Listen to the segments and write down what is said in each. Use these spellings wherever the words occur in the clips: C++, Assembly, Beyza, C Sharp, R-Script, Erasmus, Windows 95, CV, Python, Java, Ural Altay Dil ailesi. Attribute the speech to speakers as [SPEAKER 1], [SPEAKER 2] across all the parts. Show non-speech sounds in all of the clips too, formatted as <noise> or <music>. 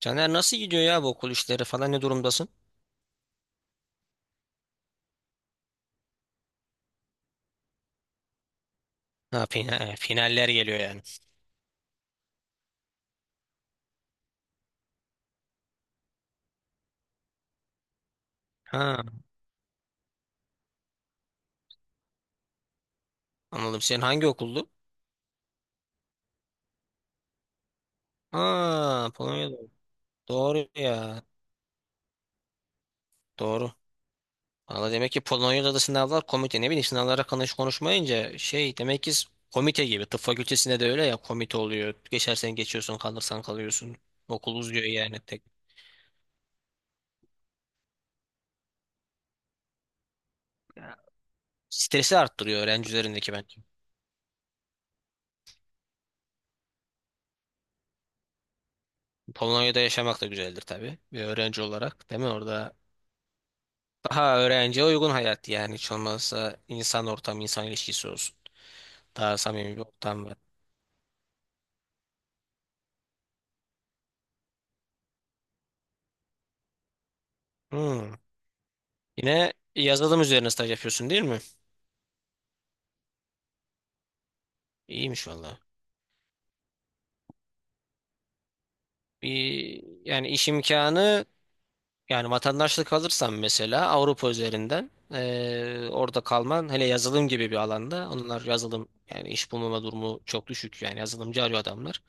[SPEAKER 1] Caner nasıl gidiyor ya bu okul işleri falan ne durumdasın? Ha, finaller geliyor yani. Ha, anladım. Senin hangi okuldu? Ha, Polonya'da. Doğru ya. Doğru. Valla demek ki Polonya'da da sınavlar komite. Ne bileyim sınavlara konuşmayınca şey demek ki komite gibi. Tıp fakültesinde de öyle ya komite oluyor. Geçersen geçiyorsun, kalırsan kalıyorsun. Okul uzuyor yani tek. Stresi arttırıyor öğrenci üzerindeki bence. Polonya'da yaşamak da güzeldir tabii. Bir öğrenci olarak değil mi? Orada. Daha öğrenciye uygun hayat yani, hiç olmazsa insan ortamı, insan ilişkisi olsun. Daha samimi bir ortam var. Hmm. Yine yazılım üzerine staj yapıyorsun değil mi? İyiymiş valla. Bir, yani iş imkanı. Yani vatandaşlık alırsan mesela Avrupa üzerinden, orada kalman, hele yazılım gibi bir alanda, onlar yazılım yani iş bulmama durumu çok düşük yani, yazılımcı arıyor adamlar.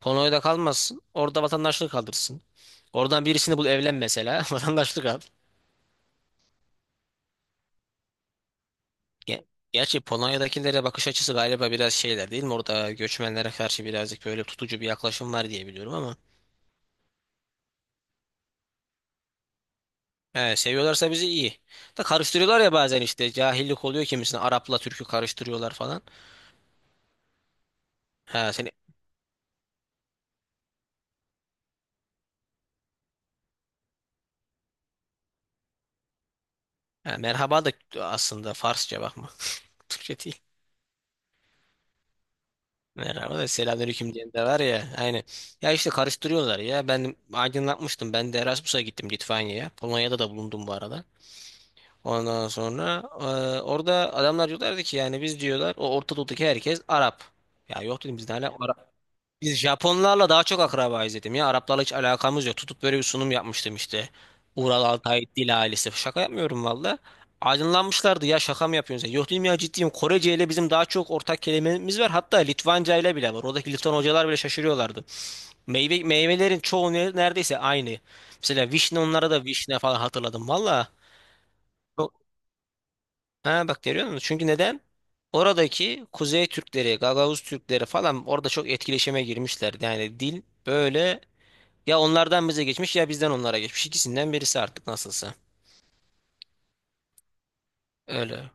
[SPEAKER 1] Polonya'da kalmazsın, orada vatandaşlık alırsın. Oradan birisini bul evlen mesela, <laughs> vatandaşlık al. Ge- Gerçi Polonya'dakilere bakış açısı galiba biraz şeyler, değil mi? Orada göçmenlere karşı birazcık böyle tutucu bir yaklaşım var diye biliyorum ama. He, seviyorlarsa bizi iyi. Da karıştırıyorlar ya bazen, işte cahillik oluyor, kimisine Arap'la Türk'ü karıştırıyorlar falan. Ha, merhaba da aslında Farsça, bakma. <laughs> Türkçe değil. Merhaba da selamünaleyküm diyen de var ya. Aynen. Ya işte karıştırıyorlar ya. Ben aydınlatmıştım. Ben de Erasmus'a gittim Litvanya'ya. Polonya'da da bulundum bu arada. Ondan sonra orada adamlar diyorlardı ki, yani biz diyorlar, o Orta Doğu'daki herkes Arap. Ya yok dedim, biz ne ala- Biz Japonlarla daha çok akrabayız dedim ya. Araplarla hiç alakamız yok. Tutup böyle bir sunum yapmıştım işte. Ural Altay Dil ailesi. Şaka yapmıyorum valla. Aydınlanmışlardı, ya şaka mı yapıyorsunuz? Yok dedim ya, ciddiyim. Korece ile bizim daha çok ortak kelimemiz var. Hatta Litvanca ile bile var. Oradaki Litvan hocalar bile şaşırıyorlardı. Meyvelerin çoğu neredeyse aynı. Mesela vişne, onlara da vişne falan, hatırladım valla. Ha, bak görüyor musun? Çünkü neden? Oradaki Kuzey Türkleri, Gagavuz Türkleri falan, orada çok etkileşime girmişler. Yani dil böyle, ya onlardan bize geçmiş ya bizden onlara geçmiş. İkisinden birisi artık, nasılsa. Öyle.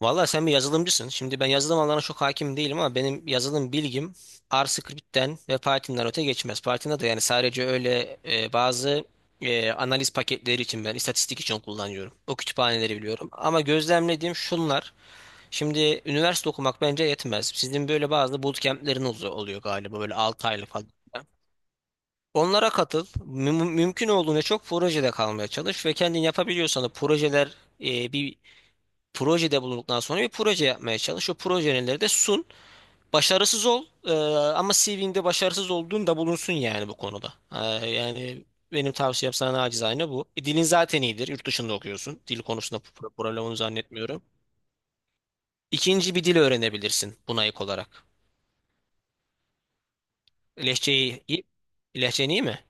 [SPEAKER 1] Valla sen bir yazılımcısın. Şimdi ben yazılım alanına çok hakim değilim ama benim yazılım bilgim R-Script'ten ve Python'dan öte geçmez. Python'da da yani sadece öyle bazı analiz paketleri için, ben istatistik için kullanıyorum. O kütüphaneleri biliyorum. Ama gözlemlediğim şunlar. Şimdi üniversite okumak bence yetmez. Sizin böyle bazı bootcamp'lerin oluyor galiba, böyle 6 aylık falan. Onlara katıl. Mümkün olduğunca çok projede kalmaya çalış, ve kendin yapabiliyorsan da projeler, bir projede bulunduktan sonra bir proje yapmaya çalış. O projeleri de sun. Başarısız ol, ama CV'nde başarısız olduğun da bulunsun yani, bu konuda. Yani benim tavsiyem sana acizane bu. Dilin zaten iyidir. Yurt dışında okuyorsun. Dil konusunda problem olduğunu zannetmiyorum. İkinci bir dil öğrenebilirsin buna ek olarak. Lehçeyi iyi. Lehçen iyi mi?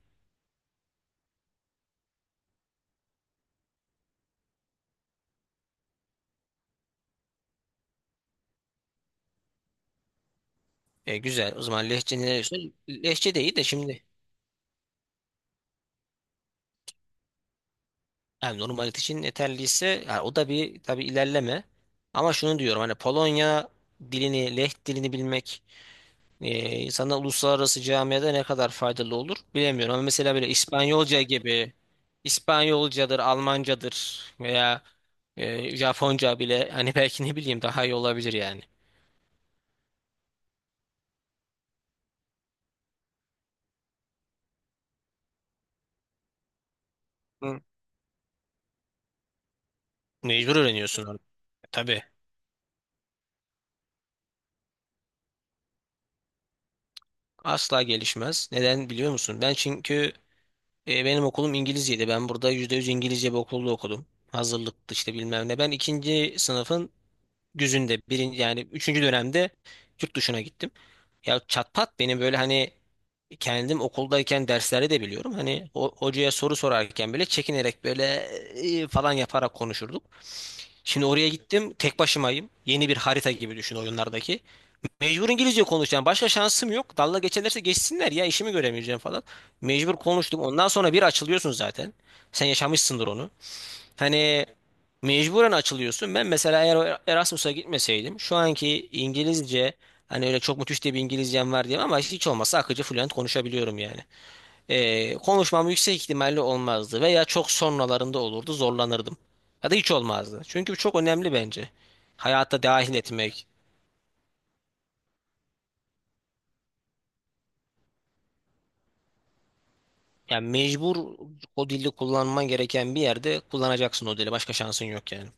[SPEAKER 1] Güzel. O zaman Lehçe ne diyorsun? Lehçe de iyi de şimdi. Yani normal için yeterliyse, yani o da bir tabii ilerleme. Ama şunu diyorum, hani Polonya dilini, Leh dilini bilmek insana uluslararası camiada ne kadar faydalı olur bilemiyorum. Ama mesela böyle İspanyolca gibi, İspanyolcadır, Almancadır veya Japonca bile hani, belki ne bileyim, daha iyi olabilir yani. Hı. Mecbur öğreniyorsun orada. Tabii. Asla gelişmez. Neden biliyor musun? Ben çünkü, benim okulum İngilizceydi. Ben burada %100 İngilizce bir okulda okudum. Hazırlıktı işte bilmem ne. Ben ikinci sınıfın güzünde, yani üçüncü dönemde yurt dışına gittim. Ya çatpat benim böyle, hani kendim okuldayken derslerde de biliyorum. Hani o, hocaya soru sorarken bile çekinerek böyle falan yaparak konuşurduk. Şimdi oraya gittim. Tek başımayım. Yeni bir harita gibi düşün, oyunlardaki. Mecbur İngilizce konuşacağım. Başka şansım yok. Dalga geçerlerse geçsinler ya, işimi göremeyeceğim falan. Mecbur konuştum. Ondan sonra bir açılıyorsun zaten. Sen yaşamışsındır onu. Hani mecburen açılıyorsun. Ben mesela eğer o Erasmus'a gitmeseydim şu anki İngilizce, hani öyle çok müthiş de bir İngilizcem var diyeyim, ama hiç olmazsa akıcı, fluent konuşabiliyorum yani. Konuşmam yüksek ihtimalle olmazdı veya çok sonralarında olurdu, zorlanırdım. Ya da hiç olmazdı. Çünkü bu çok önemli bence. Hayatta dahil etmek. Yani mecbur o dili kullanman gereken bir yerde kullanacaksın o dili. Başka şansın yok yani.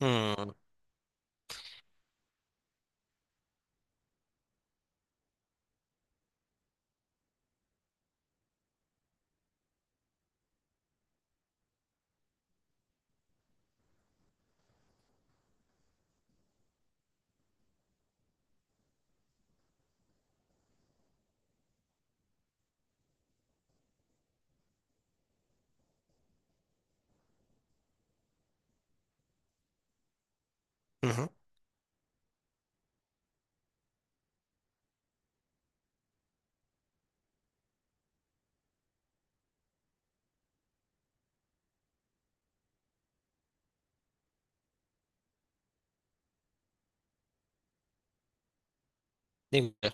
[SPEAKER 1] Hmm. Hı hı. Ne güzel.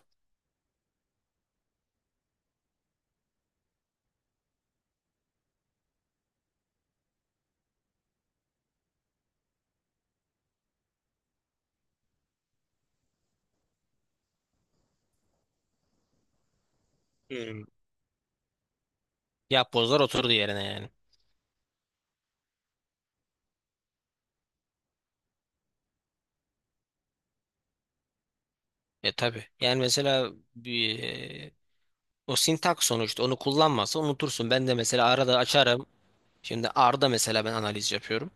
[SPEAKER 1] Hmm. Yapbozlar oturdu yerine yani. Tabii. Yani mesela bir, o sintak, sonuçta onu kullanmazsa unutursun. Ben de mesela arada açarım. Şimdi R'da mesela ben analiz yapıyorum.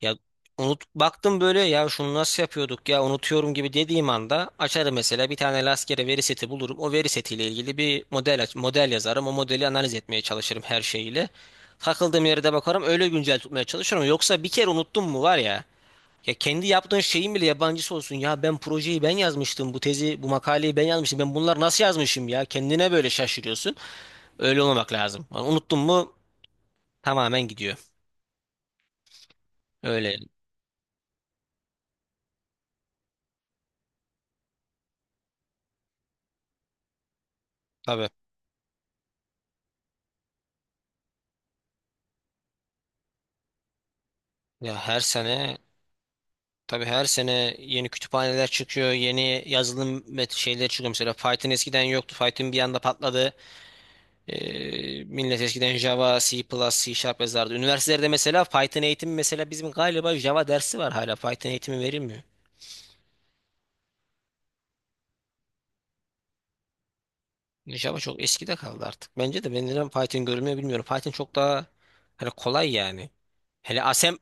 [SPEAKER 1] Ya unut baktım böyle, ya şunu nasıl yapıyorduk ya, unutuyorum gibi dediğim anda açarım mesela, bir tane rastgele veri seti bulurum. O veri setiyle ilgili bir model model yazarım. O modeli analiz etmeye çalışırım her şeyiyle. Takıldığım yere de bakarım, öyle güncel tutmaya çalışırım. Yoksa bir kere unuttum mu, var ya, ya kendi yaptığın şeyin bile yabancısı olsun. Ya ben projeyi, ben yazmıştım. Bu tezi, bu makaleyi ben yazmıştım. Ben bunları nasıl yazmışım ya? Kendine böyle şaşırıyorsun. Öyle olmamak lazım. Yani unuttun mu tamamen gidiyor. Öyle. Tabii. Ya her sene Tabii her sene yeni kütüphaneler çıkıyor, yeni yazılım met şeyleri çıkıyor. Mesela Python eskiden yoktu. Python bir anda patladı. Millet eskiden Java, C++, C Sharp yazardı. Üniversitelerde mesela Python eğitimi, mesela bizim galiba Java dersi var hala. Python eğitimi verilmiyor. Java çok eskide kaldı artık. Bence de, ben neden Python görülmüyor bilmiyorum. Python çok daha hani kolay yani. Hele asem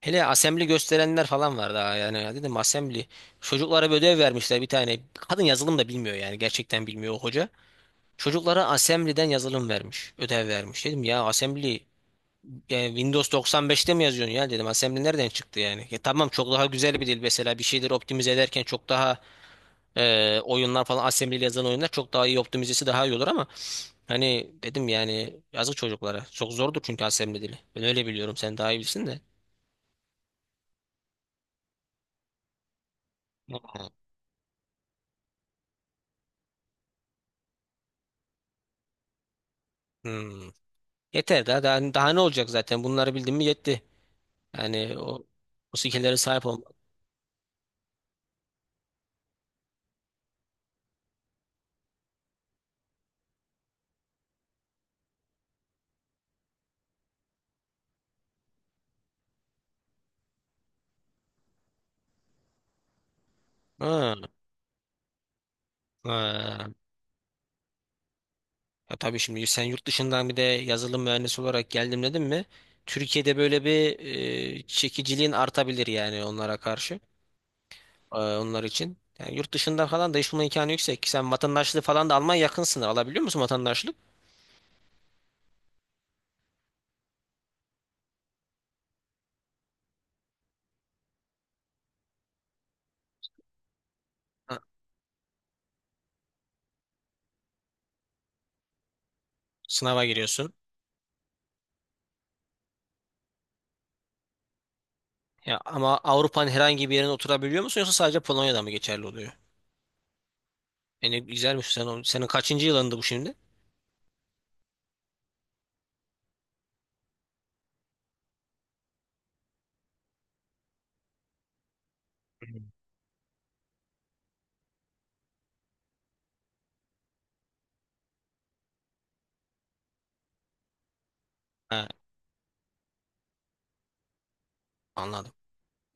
[SPEAKER 1] Hele assembly gösterenler falan var daha yani. Ya dedim, assembly. Çocuklara bir ödev vermişler bir tane. Kadın yazılım da bilmiyor yani, gerçekten bilmiyor o hoca. Çocuklara Assembly'den yazılım vermiş. Ödev vermiş. Dedim ya, Assembly Windows 95'te mi yazıyorsun ya, dedim. Assembly nereden çıktı yani? Ya tamam, çok daha güzel bir dil mesela. Bir şeyleri optimize ederken çok daha, oyunlar falan, Assembly ile yazılan oyunlar çok daha iyi, optimizesi daha iyi olur ama hani dedim, yani yazık çocuklara. Çok zordur çünkü Assembly dili. Ben öyle biliyorum. Sen daha iyi bilsin de. <laughs> Hmm. Yeter daha, daha, daha ne olacak, zaten bunları bildim mi yetti. Yani o skill'lere sahip olmak. Ha. Ha. Ya tabii, şimdi sen yurt dışından bir de yazılım mühendisi olarak geldim dedim mi? Türkiye'de böyle bir çekiciliğin artabilir yani, onlara karşı, onlar için. Yani yurt dışında falan da iş bulma imkanı yüksek. Sen vatandaşlığı falan da almaya yakın sınır. Alabiliyor musun vatandaşlık? Ha, sınava giriyorsun. Ya ama Avrupa'nın herhangi bir yerine oturabiliyor musun, yoksa sadece Polonya'da mı geçerli oluyor? Yani güzelmiş, senin kaçıncı yılındı bu şimdi? Ha, anladım.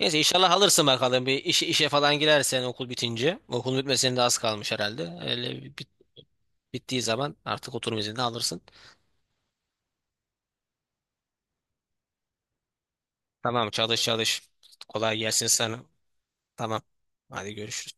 [SPEAKER 1] Neyse, inşallah alırsın bakalım, bir işe falan girersen okul bitince. Okul bitmesine de az kalmış herhalde. Öyle. Bittiği zaman artık oturum izni de alırsın. Tamam, çalış çalış. Kolay gelsin sana. Tamam. Hadi görüşürüz.